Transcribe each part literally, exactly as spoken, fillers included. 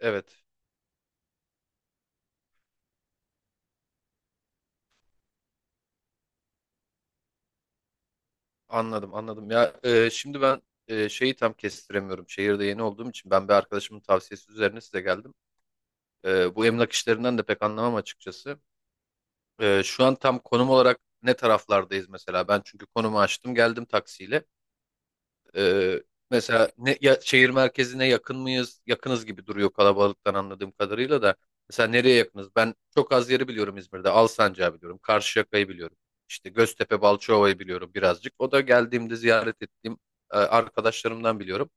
Evet, anladım, anladım. Ya e, şimdi ben e, şeyi tam kestiremiyorum. Şehirde yeni olduğum için ben bir arkadaşımın tavsiyesi üzerine size geldim. E, bu emlak işlerinden de pek anlamam açıkçası. E, şu an tam konum olarak ne taraflardayız mesela? Ben çünkü konumu açtım, geldim taksiyle. Ee, mesela ne, ya, şehir merkezine yakın mıyız? Yakınız gibi duruyor kalabalıktan anladığım kadarıyla da. Mesela nereye yakınız? Ben çok az yeri biliyorum İzmir'de. Alsancak'ı biliyorum. Karşıyaka'yı biliyorum. İşte Göztepe, Balçova'yı biliyorum birazcık. O da geldiğimde ziyaret ettiğim e, arkadaşlarımdan biliyorum.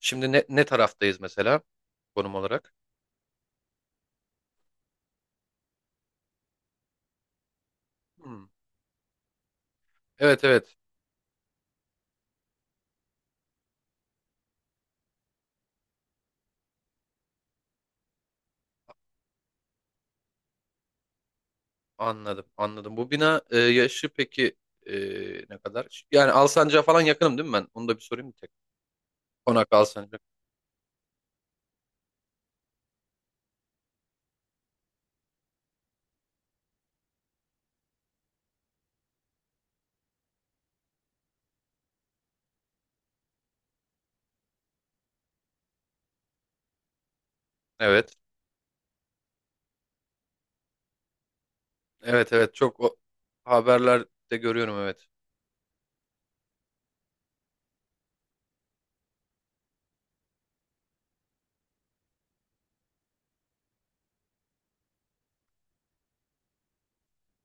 Şimdi ne, ne taraftayız mesela konum olarak? Hmm. Evet evet anladım anladım. Bu bina e, yaşı peki e, ne kadar? Yani Alsancak'a falan yakınım değil mi ben? Onu da bir sorayım bir tek. Konak Alsancak. Evet. Evet evet çok o haberlerde görüyorum evet.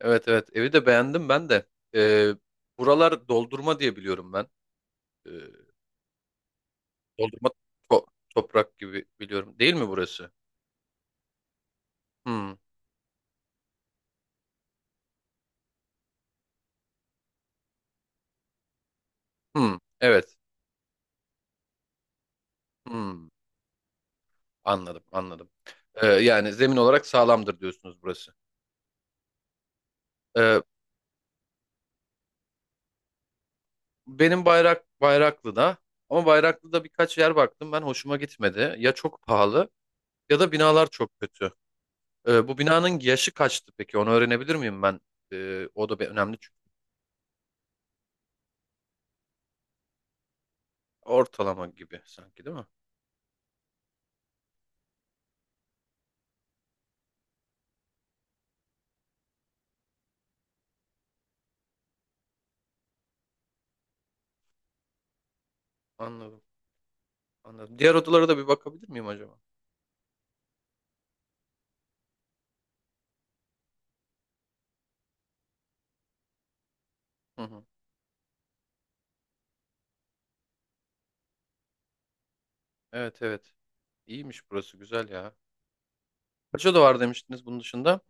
Evet evet evi de beğendim ben de. Ee, buralar doldurma diye biliyorum ben. Ee, doldurma to- toprak gibi biliyorum. Değil mi burası? Hmm, hmm, evet. Hmm, anladım anladım. Ee, yani zemin olarak sağlamdır diyorsunuz burası. Ee, benim bayrak Bayraklı'da ama Bayraklı'da birkaç yer baktım ben hoşuma gitmedi. Ya çok pahalı ya da binalar çok kötü. Ee, bu binanın yaşı kaçtı peki? Onu öğrenebilir miyim ben? Ee, o da bir önemli çünkü. Ortalama gibi sanki değil mi? Anladım. Anladım. Diğer odalara da bir bakabilir miyim acaba? Hı hı. Evet evet. İyiymiş burası güzel ya. Kaç oda var demiştiniz bunun dışında?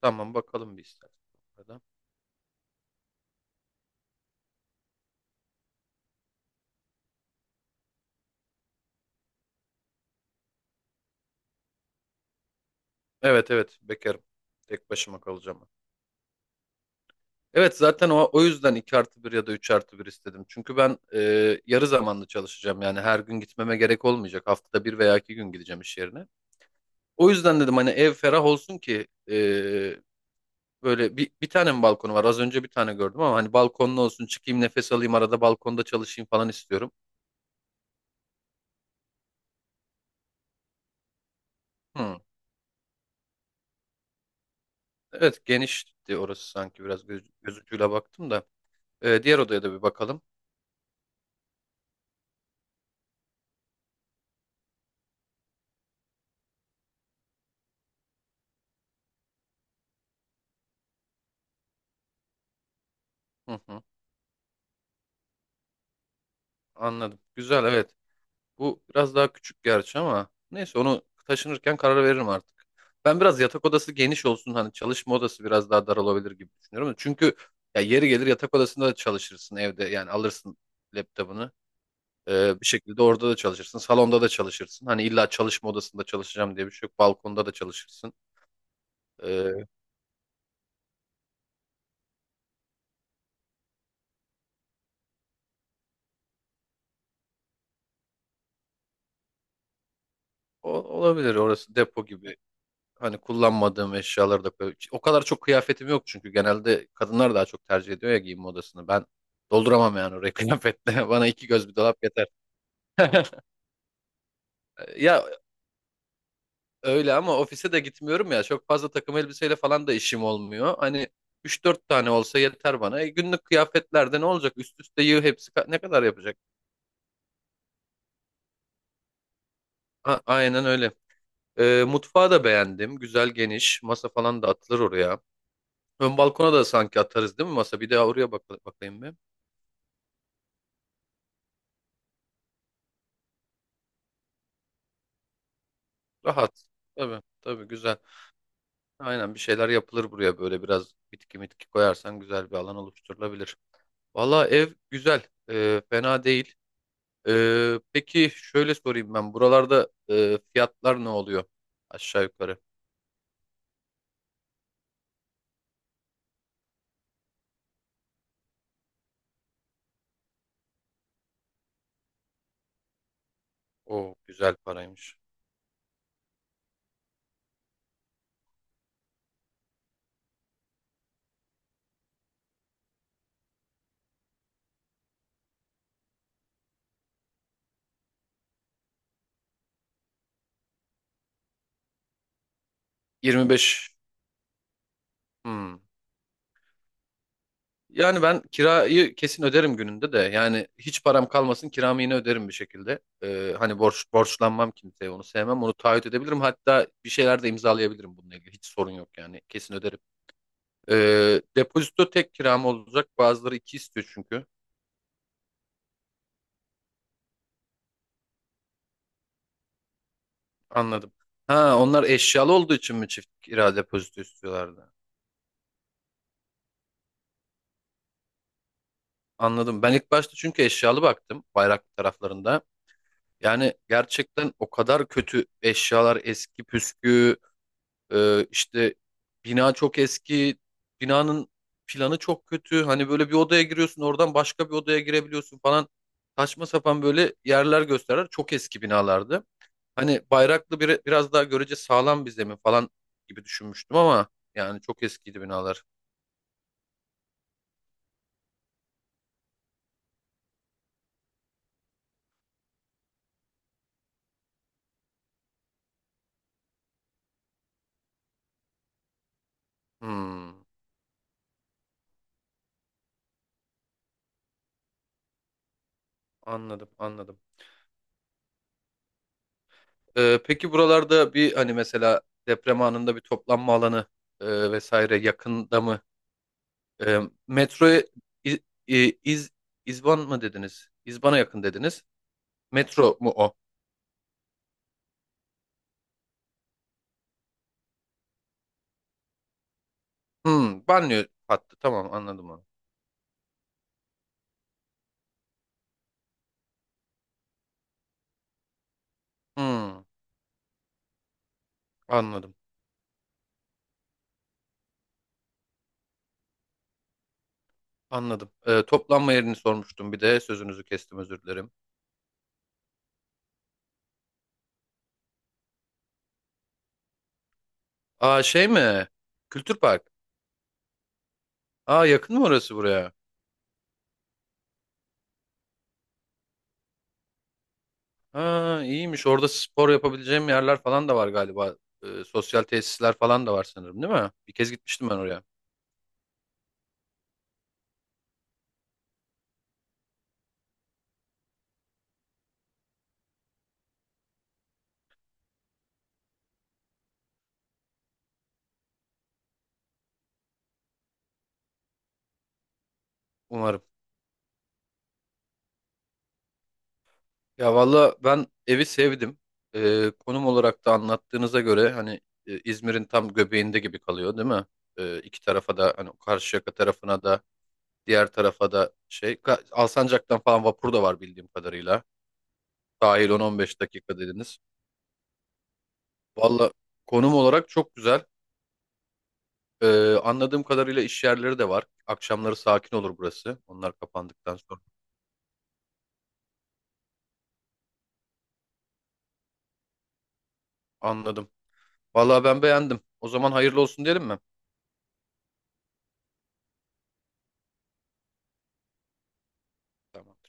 Tamam bakalım bir istersen. Evet evet bekarım. Tek başıma kalacağım. ben. Evet zaten o, o yüzden iki artı bir ya da üç artı bir istedim. Çünkü ben e, yarı zamanlı çalışacağım. Yani her gün gitmeme gerek olmayacak. Haftada bir veya iki gün gideceğim iş yerine. O yüzden dedim hani ev ferah olsun ki e, böyle bir, bir tane mi balkonu var? Az önce bir tane gördüm ama hani balkonlu olsun çıkayım nefes alayım arada balkonda çalışayım falan istiyorum. Hmm. Evet genişti orası sanki biraz göz, göz ucuyla baktım da. E, diğer odaya da bir bakalım. Hı hı, anladım. Güzel evet. Bu biraz daha küçük gerçi ama neyse onu taşınırken karar veririm artık. Ben biraz yatak odası geniş olsun hani çalışma odası biraz daha dar olabilir gibi düşünüyorum. Çünkü ya yeri gelir yatak odasında da çalışırsın evde yani alırsın laptopunu. Ee, bir şekilde orada da çalışırsın. Salonda da çalışırsın. Hani illa çalışma odasında çalışacağım diye bir şey yok. Balkonda da çalışırsın. Ee, o, olabilir orası depo gibi. Hani kullanmadığım eşyaları da koy. O kadar çok kıyafetim yok çünkü genelde kadınlar daha çok tercih ediyor ya giyinme odasını. Ben dolduramam yani orayı kıyafetle. Bana iki göz bir dolap yeter. Ya öyle ama ofise de gitmiyorum ya. Çok fazla takım elbiseyle falan da işim olmuyor. Hani üç dört tane olsa yeter bana. E, günlük kıyafetlerde ne olacak? Üst üste yığ hepsi ka- ne kadar yapacak? A- aynen öyle. E, mutfağı da beğendim. Güzel geniş. Masa falan da atılır oraya. Ön balkona da sanki atarız değil mi masa? Bir daha oraya bak bakayım bir. Rahat. Tabii, tabii güzel. Aynen bir şeyler yapılır buraya böyle biraz bitki mitki koyarsan güzel bir alan oluşturulabilir. Valla ev güzel. Ee, fena değil. Ee, peki şöyle sorayım ben. Buralarda e, fiyatlar ne oluyor? Aşağı yukarı. O güzel paraymış. yirmi beş. Hmm. Yani ben kirayı kesin öderim gününde de. Yani hiç param kalmasın kiramı yine öderim bir şekilde. Ee, hani borç borçlanmam kimseye onu sevmem. Onu taahhüt edebilirim. Hatta bir şeyler de imzalayabilirim bununla ilgili. Hiç sorun yok yani. Kesin öderim. Ee, depozito tek kiram olacak. Bazıları iki istiyor çünkü. Anladım. Ha onlar eşyalı olduğu için mi çift kira depozito istiyorlardı? Anladım. Ben ilk başta çünkü eşyalı baktım bayrak taraflarında. Yani gerçekten o kadar kötü eşyalar eski püskü. Ee, işte bina çok eski, binanın planı çok kötü. Hani böyle bir odaya giriyorsun, oradan başka bir odaya girebiliyorsun falan. Saçma sapan böyle yerler gösterir. Çok eski binalardı. Hani Bayraklı bir, biraz daha görece sağlam bir zemin falan gibi düşünmüştüm ama yani çok eskiydi binalar. Hmm, anladım, anladım. Ee, peki buralarda bir hani mesela deprem anında bir toplanma alanı e, vesaire yakında mı? E, metroya İ- İ- İz, İzban mı dediniz? İzban'a yakın dediniz. Metro mu o? Hmm, banyo hattı. Tamam anladım onu. Hmm, anladım. Anladım. E, toplanma yerini sormuştum bir de. Sözünüzü kestim özür dilerim. Aa şey mi? Kültür Park. Aa yakın mı orası buraya? Ha iyiymiş. Orada spor yapabileceğim yerler falan da var galiba. E, sosyal tesisler falan da var sanırım değil mi? Bir kez gitmiştim ben oraya. Umarım. Ya valla ben evi sevdim. Ee, konum olarak da anlattığınıza göre hani e, İzmir'in tam göbeğinde gibi kalıyor değil mi? Ee, iki tarafa da hani Karşıyaka tarafına da diğer tarafa da şey Ka- Alsancak'tan falan vapur da var bildiğim kadarıyla. Dahil on on beş dakika dediniz. Valla konum olarak çok güzel. Ee, anladığım kadarıyla iş yerleri de var. Akşamları sakin olur burası. Onlar kapandıktan sonra. Anladım. Valla ben beğendim. O zaman hayırlı olsun diyelim mi? Tamam.